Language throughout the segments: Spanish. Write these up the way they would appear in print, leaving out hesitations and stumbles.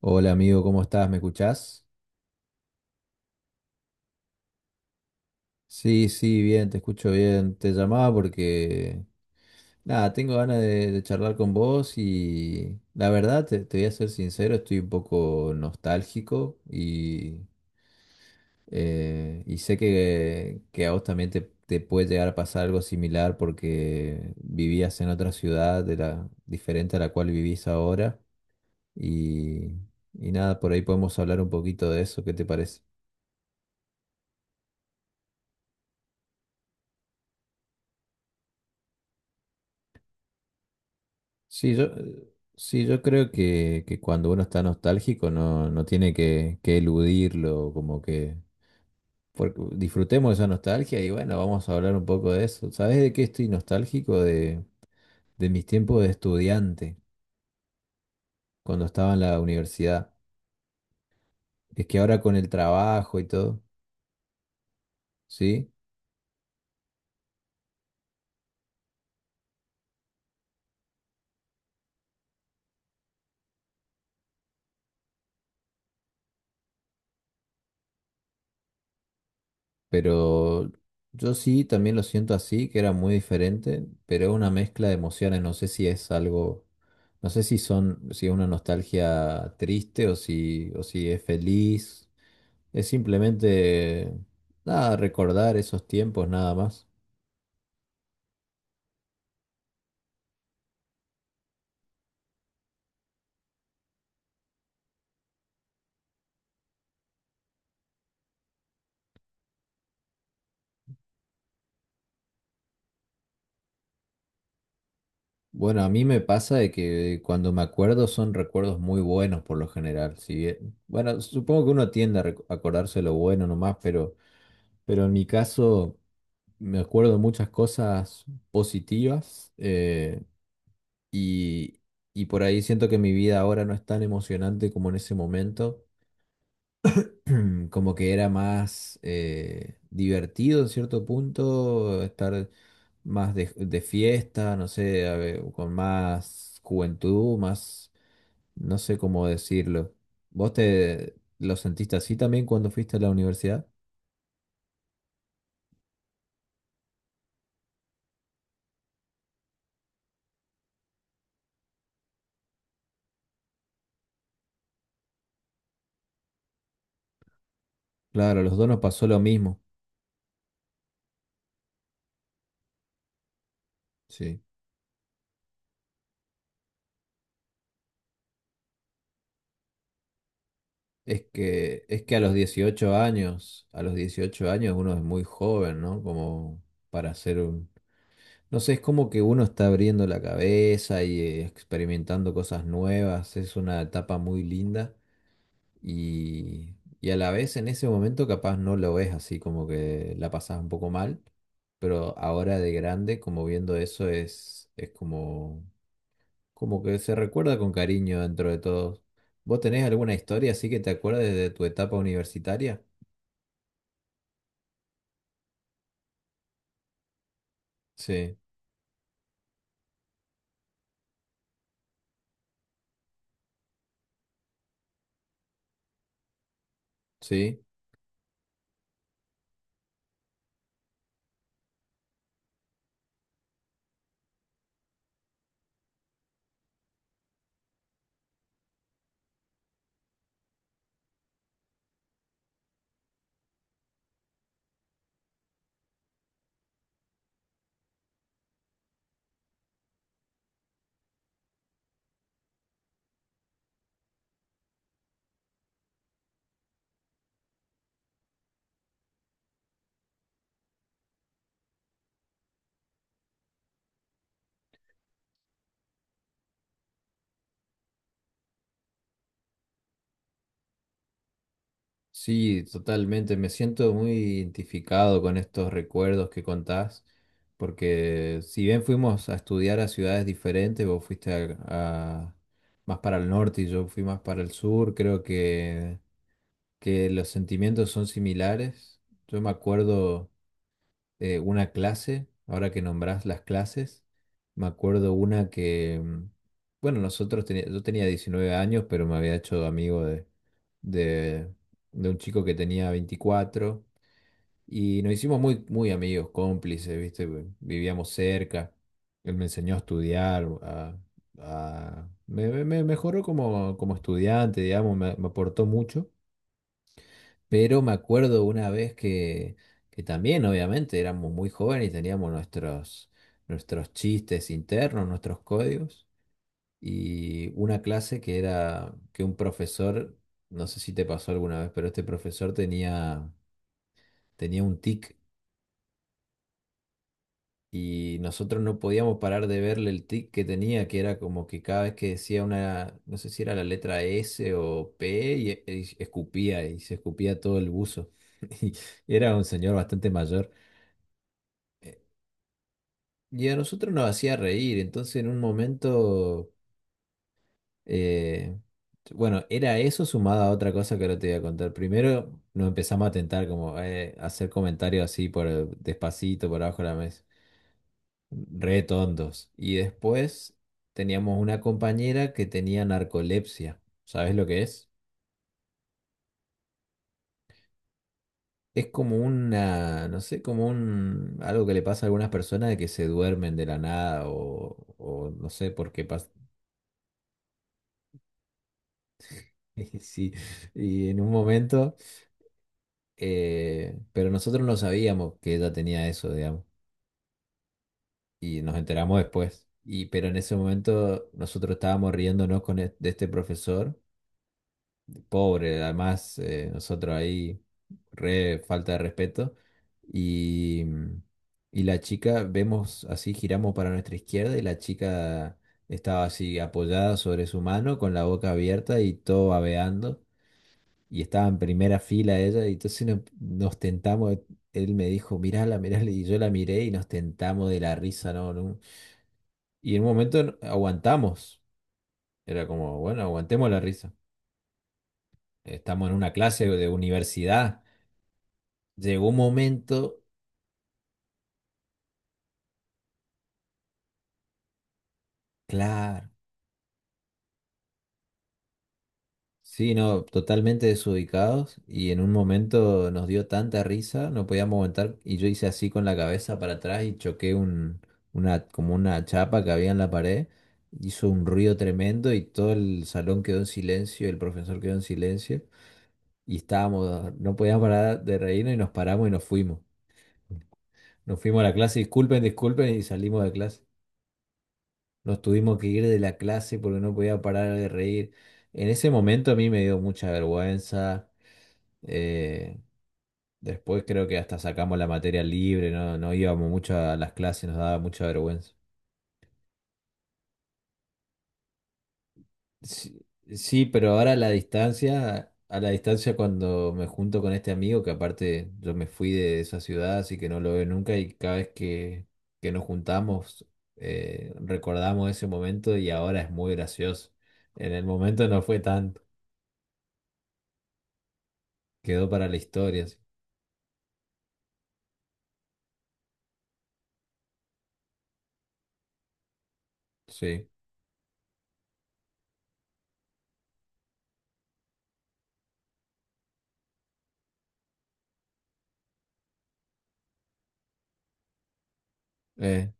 Hola amigo, ¿cómo estás? ¿Me escuchás? Sí, sí, bien, te escucho bien. Te llamaba porque, nada, tengo ganas de charlar con vos y la verdad, te voy a ser sincero, estoy un poco nostálgico y sé que a vos también te puede llegar a pasar algo similar porque vivías en otra ciudad de la, diferente a la cual vivís ahora y, y nada, por ahí podemos hablar un poquito de eso, ¿qué te parece? Sí, sí, yo creo que cuando uno está nostálgico no, no tiene que eludirlo, como que porque disfrutemos esa nostalgia y bueno, vamos a hablar un poco de eso. ¿Sabes de qué estoy nostálgico? De mis tiempos de estudiante, cuando estaba en la universidad. Es que ahora con el trabajo y todo, ¿sí? Pero yo sí también lo siento así, que era muy diferente, pero es una mezcla de emociones. No sé si es algo, no sé si son, si es una nostalgia triste o si es feliz. Es simplemente, nada, recordar esos tiempos nada más. Bueno, a mí me pasa de que cuando me acuerdo son recuerdos muy buenos por lo general. Si bien- bueno, supongo que uno tiende a acordarse lo bueno nomás, pero en mi caso. Me acuerdo de muchas cosas positivas y, y por ahí siento que mi vida ahora no es tan emocionante como en ese momento, como que era más divertido en cierto punto, estar más de fiesta, no sé, a ver, con más juventud, más, no sé cómo decirlo. ¿Vos te lo sentiste así también cuando fuiste a la universidad? Claro, a los dos nos pasó lo mismo, sí. Es que a los 18 años, a los 18 años uno es muy joven, ¿no? Como para hacer un... No sé, es como que uno está abriendo la cabeza y experimentando cosas nuevas, es una etapa muy linda y a la vez en ese momento capaz no lo ves así, como que la pasas un poco mal, pero ahora de grande, como viendo eso, es como como que se recuerda con cariño dentro de todos. ¿Vos tenés alguna historia así que te acuerdes de tu etapa universitaria? Sí, sí, sí, totalmente. Me siento muy identificado con estos recuerdos que contás, porque si bien fuimos a estudiar a ciudades diferentes, vos fuiste a- más para el norte y yo fui más para el sur, creo que los sentimientos son similares. Yo me acuerdo. Una clase, ahora que nombrás las clases, me acuerdo una que, bueno, yo tenía 19 años, pero me había hecho amigo de, de un chico que tenía 24 y nos hicimos muy, muy amigos, cómplices, ¿viste? Vivíamos cerca, él me enseñó a estudiar, me mejoró como, como estudiante, digamos, me aportó mucho. Pero me acuerdo una vez que también, obviamente, éramos muy jóvenes y teníamos nuestros, nuestros chistes internos, nuestros códigos, y una clase que era que un profesor, no sé si te pasó alguna vez, pero este profesor tenía, tenía un tic y nosotros no podíamos parar de verle el tic que tenía, que era como que cada vez que decía una, no sé si era la letra S o P, y escupía y se escupía todo el buzo. Y era un señor bastante mayor. Y a nosotros nos hacía reír, entonces en un momento, eh, bueno, era eso sumado a otra cosa que ahora te voy a contar. Primero nos empezamos a tentar como a hacer comentarios así despacito, por abajo de la mesa, re tontos. Y después teníamos una compañera que tenía narcolepsia. ¿Sabes lo que es? Es como una, no sé, como un, algo que le pasa a algunas personas de que se duermen de la nada o, o no sé por qué Sí, y en un momento, pero nosotros no sabíamos que ella tenía eso, digamos, y nos enteramos después. Y, pero en ese momento nosotros estábamos riéndonos con de este profesor, pobre, además nosotros ahí, re falta de respeto, y, y la chica, vemos así, giramos para nuestra izquierda y la chica estaba así apoyada sobre su mano con la boca abierta y todo babeando. Y estaba en primera fila ella, y entonces nos tentamos, él me dijo, mirala, mirala, y yo la miré y nos tentamos de la risa, ¿no? no". Y en un momento aguantamos, era como, bueno, aguantemos la risa, estamos en una clase de universidad, llegó un momento, claro. Sí, no, totalmente desubicados y en un momento nos dio tanta risa, no podíamos aguantar y yo hice así con la cabeza para atrás y choqué una, como una chapa que había en la pared, hizo un ruido tremendo y todo el salón quedó en silencio, el profesor quedó en silencio y estábamos, no podíamos parar de reírnos y nos paramos y nos fuimos. Nos fuimos a la clase, disculpen, disculpen y salimos de clase. Nos tuvimos que ir de la clase porque no podía parar de reír. En ese momento a mí me dio mucha vergüenza. eh, Después creo que hasta sacamos la materia libre, no, no íbamos mucho a las clases, nos daba mucha vergüenza. Sí, sí, pero ahora a la distancia cuando me junto con este amigo, que aparte yo me fui de esa ciudad, así que no lo veo nunca, y cada vez que nos juntamos, recordamos ese momento y ahora es muy gracioso. En el momento no fue tanto, quedó para la historia, sí. Sí. Eh,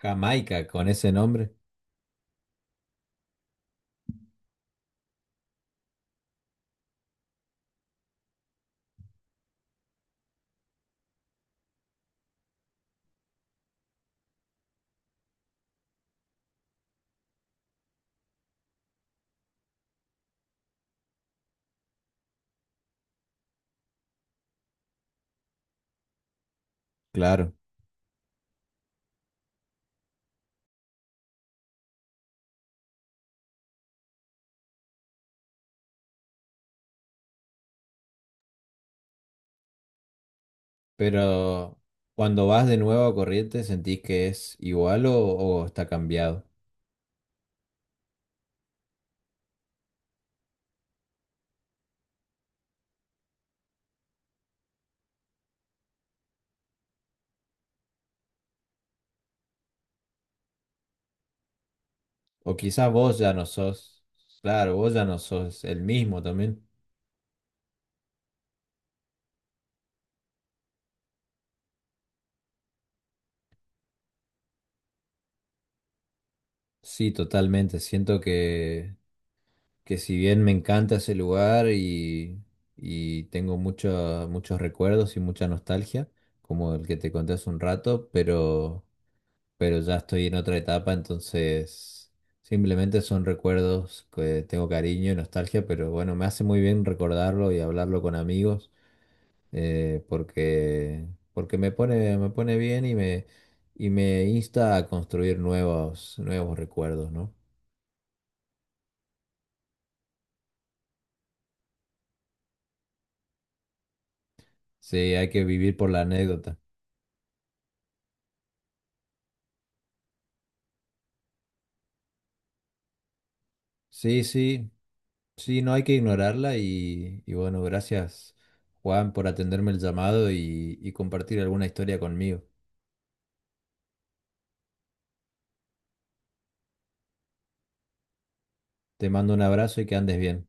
Jamaica con ese nombre, claro. Pero cuando vas de nuevo a Corrientes, ¿sentís que es igual o está cambiado? O quizás vos ya no sos, claro, vos ya no sos el mismo también. Sí, totalmente. Siento que si bien me encanta ese lugar y tengo muchos recuerdos y mucha nostalgia, como el que te conté hace un rato, pero ya estoy en otra etapa, entonces simplemente son recuerdos que tengo cariño y nostalgia, pero bueno, me hace muy bien recordarlo y hablarlo con amigos, porque, porque me pone bien y me insta a construir nuevos, nuevos recuerdos, ¿no? Sí, hay que vivir por la anécdota. Sí, sí, sí, no hay que ignorarla y bueno, gracias. Juan, por atenderme el llamado y compartir alguna historia conmigo. Te mando un abrazo y que andes bien.